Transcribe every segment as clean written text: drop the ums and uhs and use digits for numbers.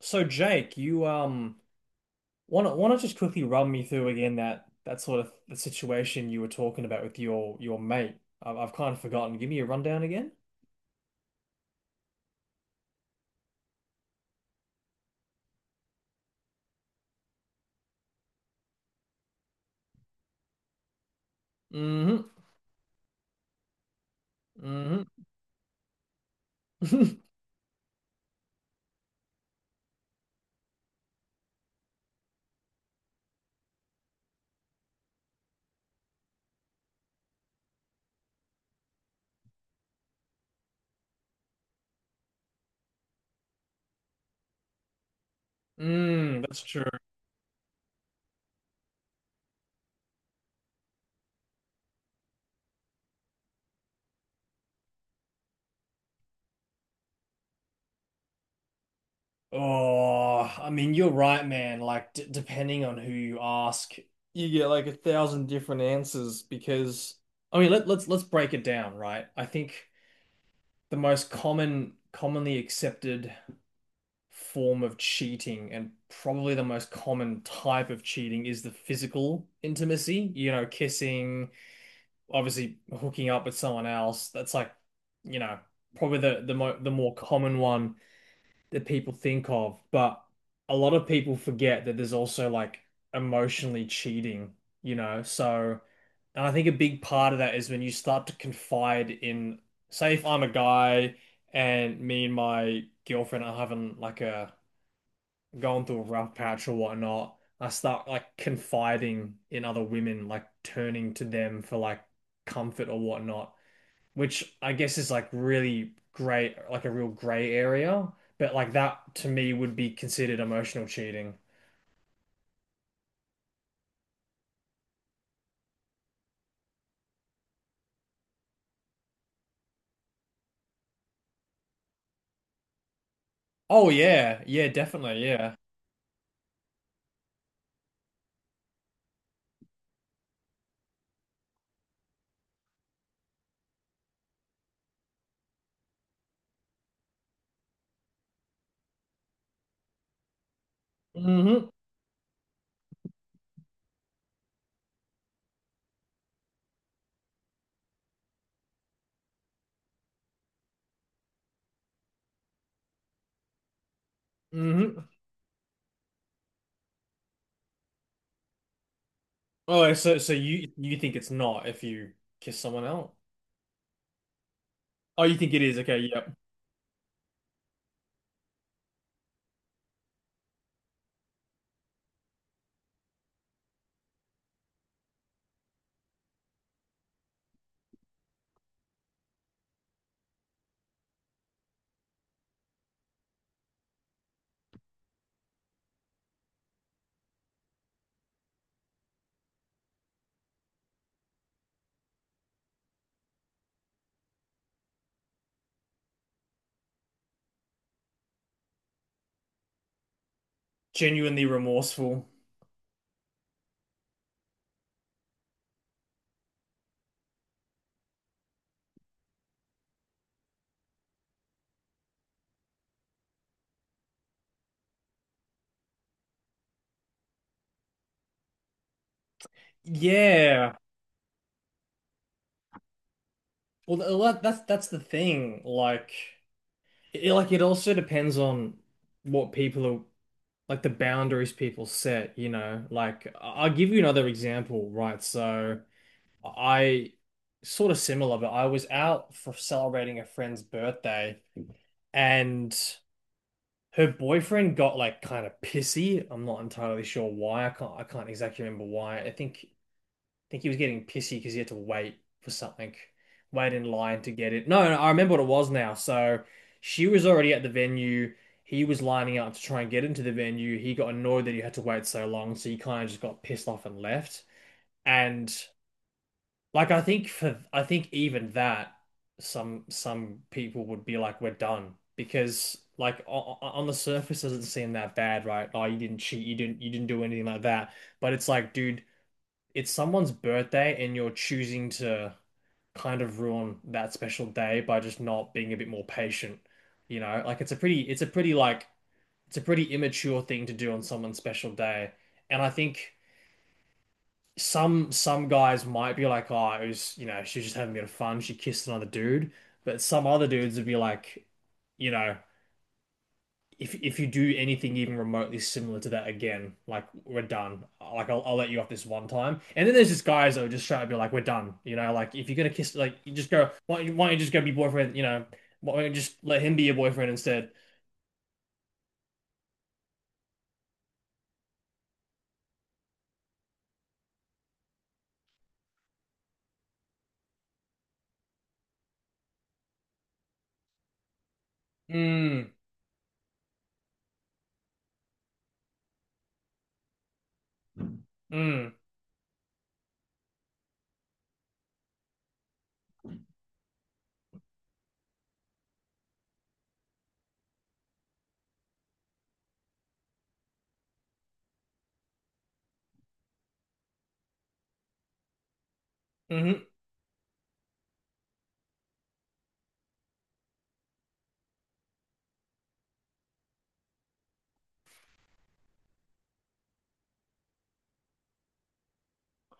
So Jake, you wanna just quickly run me through again that sort of the situation you were talking about with your mate. I've kind of forgotten. Give me a rundown again. Mm-hmm. Mm-hmm. Mm, that's true. Oh, I mean, you're right, man. Like, d depending on who you ask, you get like a thousand different answers because I mean, let's break it down, right? I think the commonly accepted form of cheating and probably the most common type of cheating is the physical intimacy, you know, kissing, obviously hooking up with someone else. That's like, you know, probably the more common one that people think of, but a lot of people forget that there's also like emotionally cheating, you know? So, and I think a big part of that is when you start to confide in, say, if I'm a guy and me and my girlfriend are having like a going through a rough patch or whatnot, I start like confiding in other women, like turning to them for like comfort or whatnot, which I guess is like really gray, like a real gray area. But like that to me would be considered emotional cheating. Oh yeah, yeah, definitely, yeah. Mm-hmm. Mm-hmm. Oh, so so you think it's not if you kiss someone else? Oh, you think it is? Okay, yep. Genuinely remorseful. Yeah. Well, well, that's the thing. Like it also depends on what people are, like the boundaries people set, you know, like I'll give you another example, right? So I sort of similar, but I was out for celebrating a friend's birthday and her boyfriend got like kind of pissy. I'm not entirely sure why. I can't exactly remember why. I think he was getting pissy because he had to wait for something, wait in line to get it. No, no, I remember what it was now. So she was already at the venue. He was lining up to try and get into the venue. He got annoyed that he had to wait so long, so he kind of just got pissed off and left. And like I think even that some people would be like, we're done, because like on the surface it doesn't seem that bad, right? Oh, you didn't cheat, you didn't do anything like that. But it's like, dude, it's someone's birthday and you're choosing to kind of ruin that special day by just not being a bit more patient. You know, like it's a pretty like, it's a pretty immature thing to do on someone's special day. And I think some guys might be like, oh, it was, you know, she was just having a bit of fun. She kissed another dude. But some other dudes would be like, you know, if you do anything even remotely similar to that again, like we're done. Like I'll let you off this one time. And then there's just guys that are just trying to be like, we're done. You know, like if you're gonna kiss, like you just go. Why don't you just go be boyfriend? You know, why don't you just let him be your boyfriend instead? Mm, mm, mm-hmm.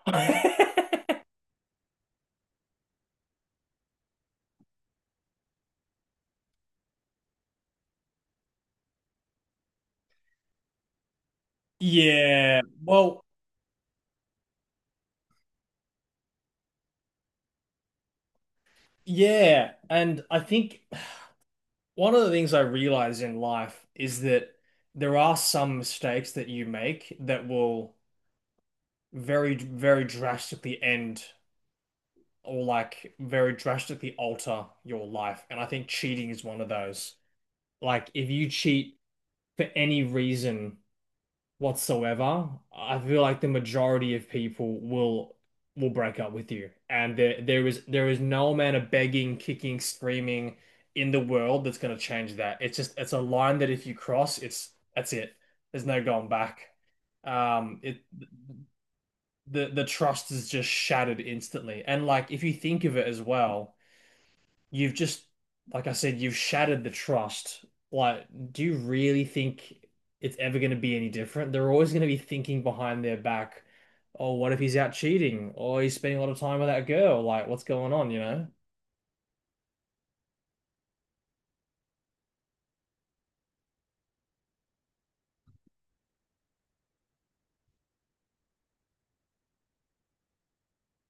Yeah. Well, yeah. And I think one of the things I realized in life is that there are some mistakes that you make that will very, very drastically end or like very drastically alter your life. And I think cheating is one of those. Like if you cheat for any reason whatsoever, I feel like the majority of people will break up with you. And there is no amount of begging, kicking, screaming in the world that's going to change that. It's just it's a line that if you cross, it's that's it. There's no going back. It the trust is just shattered instantly. And like if you think of it as well, you've just, like I said, you've shattered the trust. Like, do you really think it's ever going to be any different? They're always going to be thinking behind their back, oh, what if he's out cheating? Or he's spending a lot of time with that girl. Like, what's going on, you know?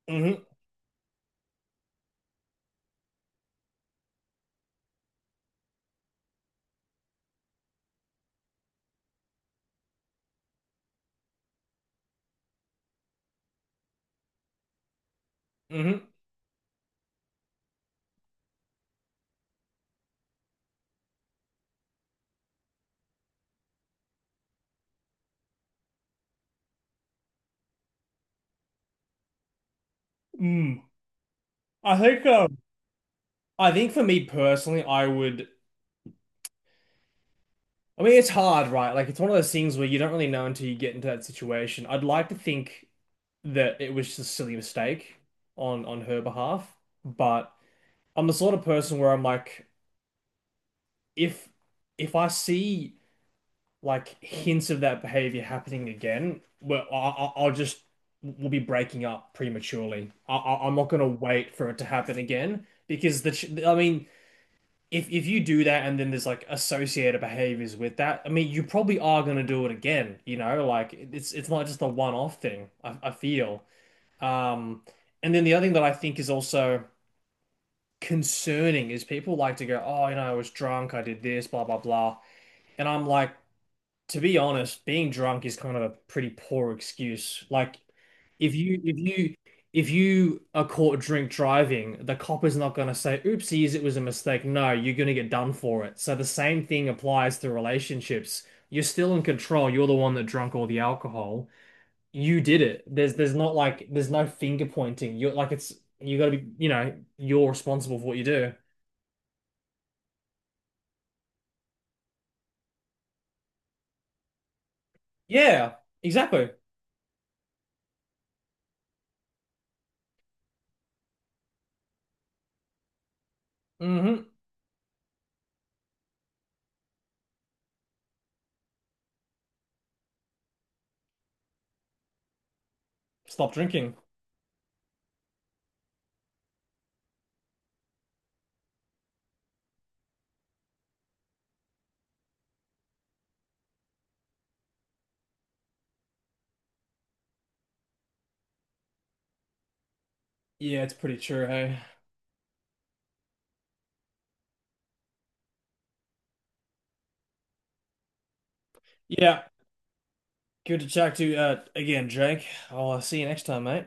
Mm-hmm. Mm-hmm. Mm. I think, um, I think for me personally, I would. I mean, it's hard, right? Like, it's one of those things where you don't really know until you get into that situation. I'd like to think that it was just a silly mistake on her behalf, but I'm the sort of person where I'm like, if if I see like hints of that behavior happening again, well, I'll just we'll be breaking up prematurely. I'm not gonna wait for it to happen again because the ch I mean, if you do that and then there's like associated behaviors with that, I mean, you probably are gonna do it again. You know, like it's not just a one-off thing. I feel. Um, and then the other thing that I think is also concerning is people like to go, oh, you know, I was drunk, I did this, blah, blah, blah. And I'm like, to be honest, being drunk is kind of a pretty poor excuse. Like if you if you if you are caught drink driving, the cop is not going to say, oopsies, it was a mistake. No, you're going to get done for it. So the same thing applies to relationships. You're still in control. You're the one that drunk all the alcohol. You did it. There's not like there's no finger pointing. You're like it's you got to be, you know, you're responsible for what you do. Yeah, exactly. Mm-hmm. Stop drinking. Yeah, it's pretty true, hey. Yeah, good to chat to you again, Jake. I'll see you next time, mate.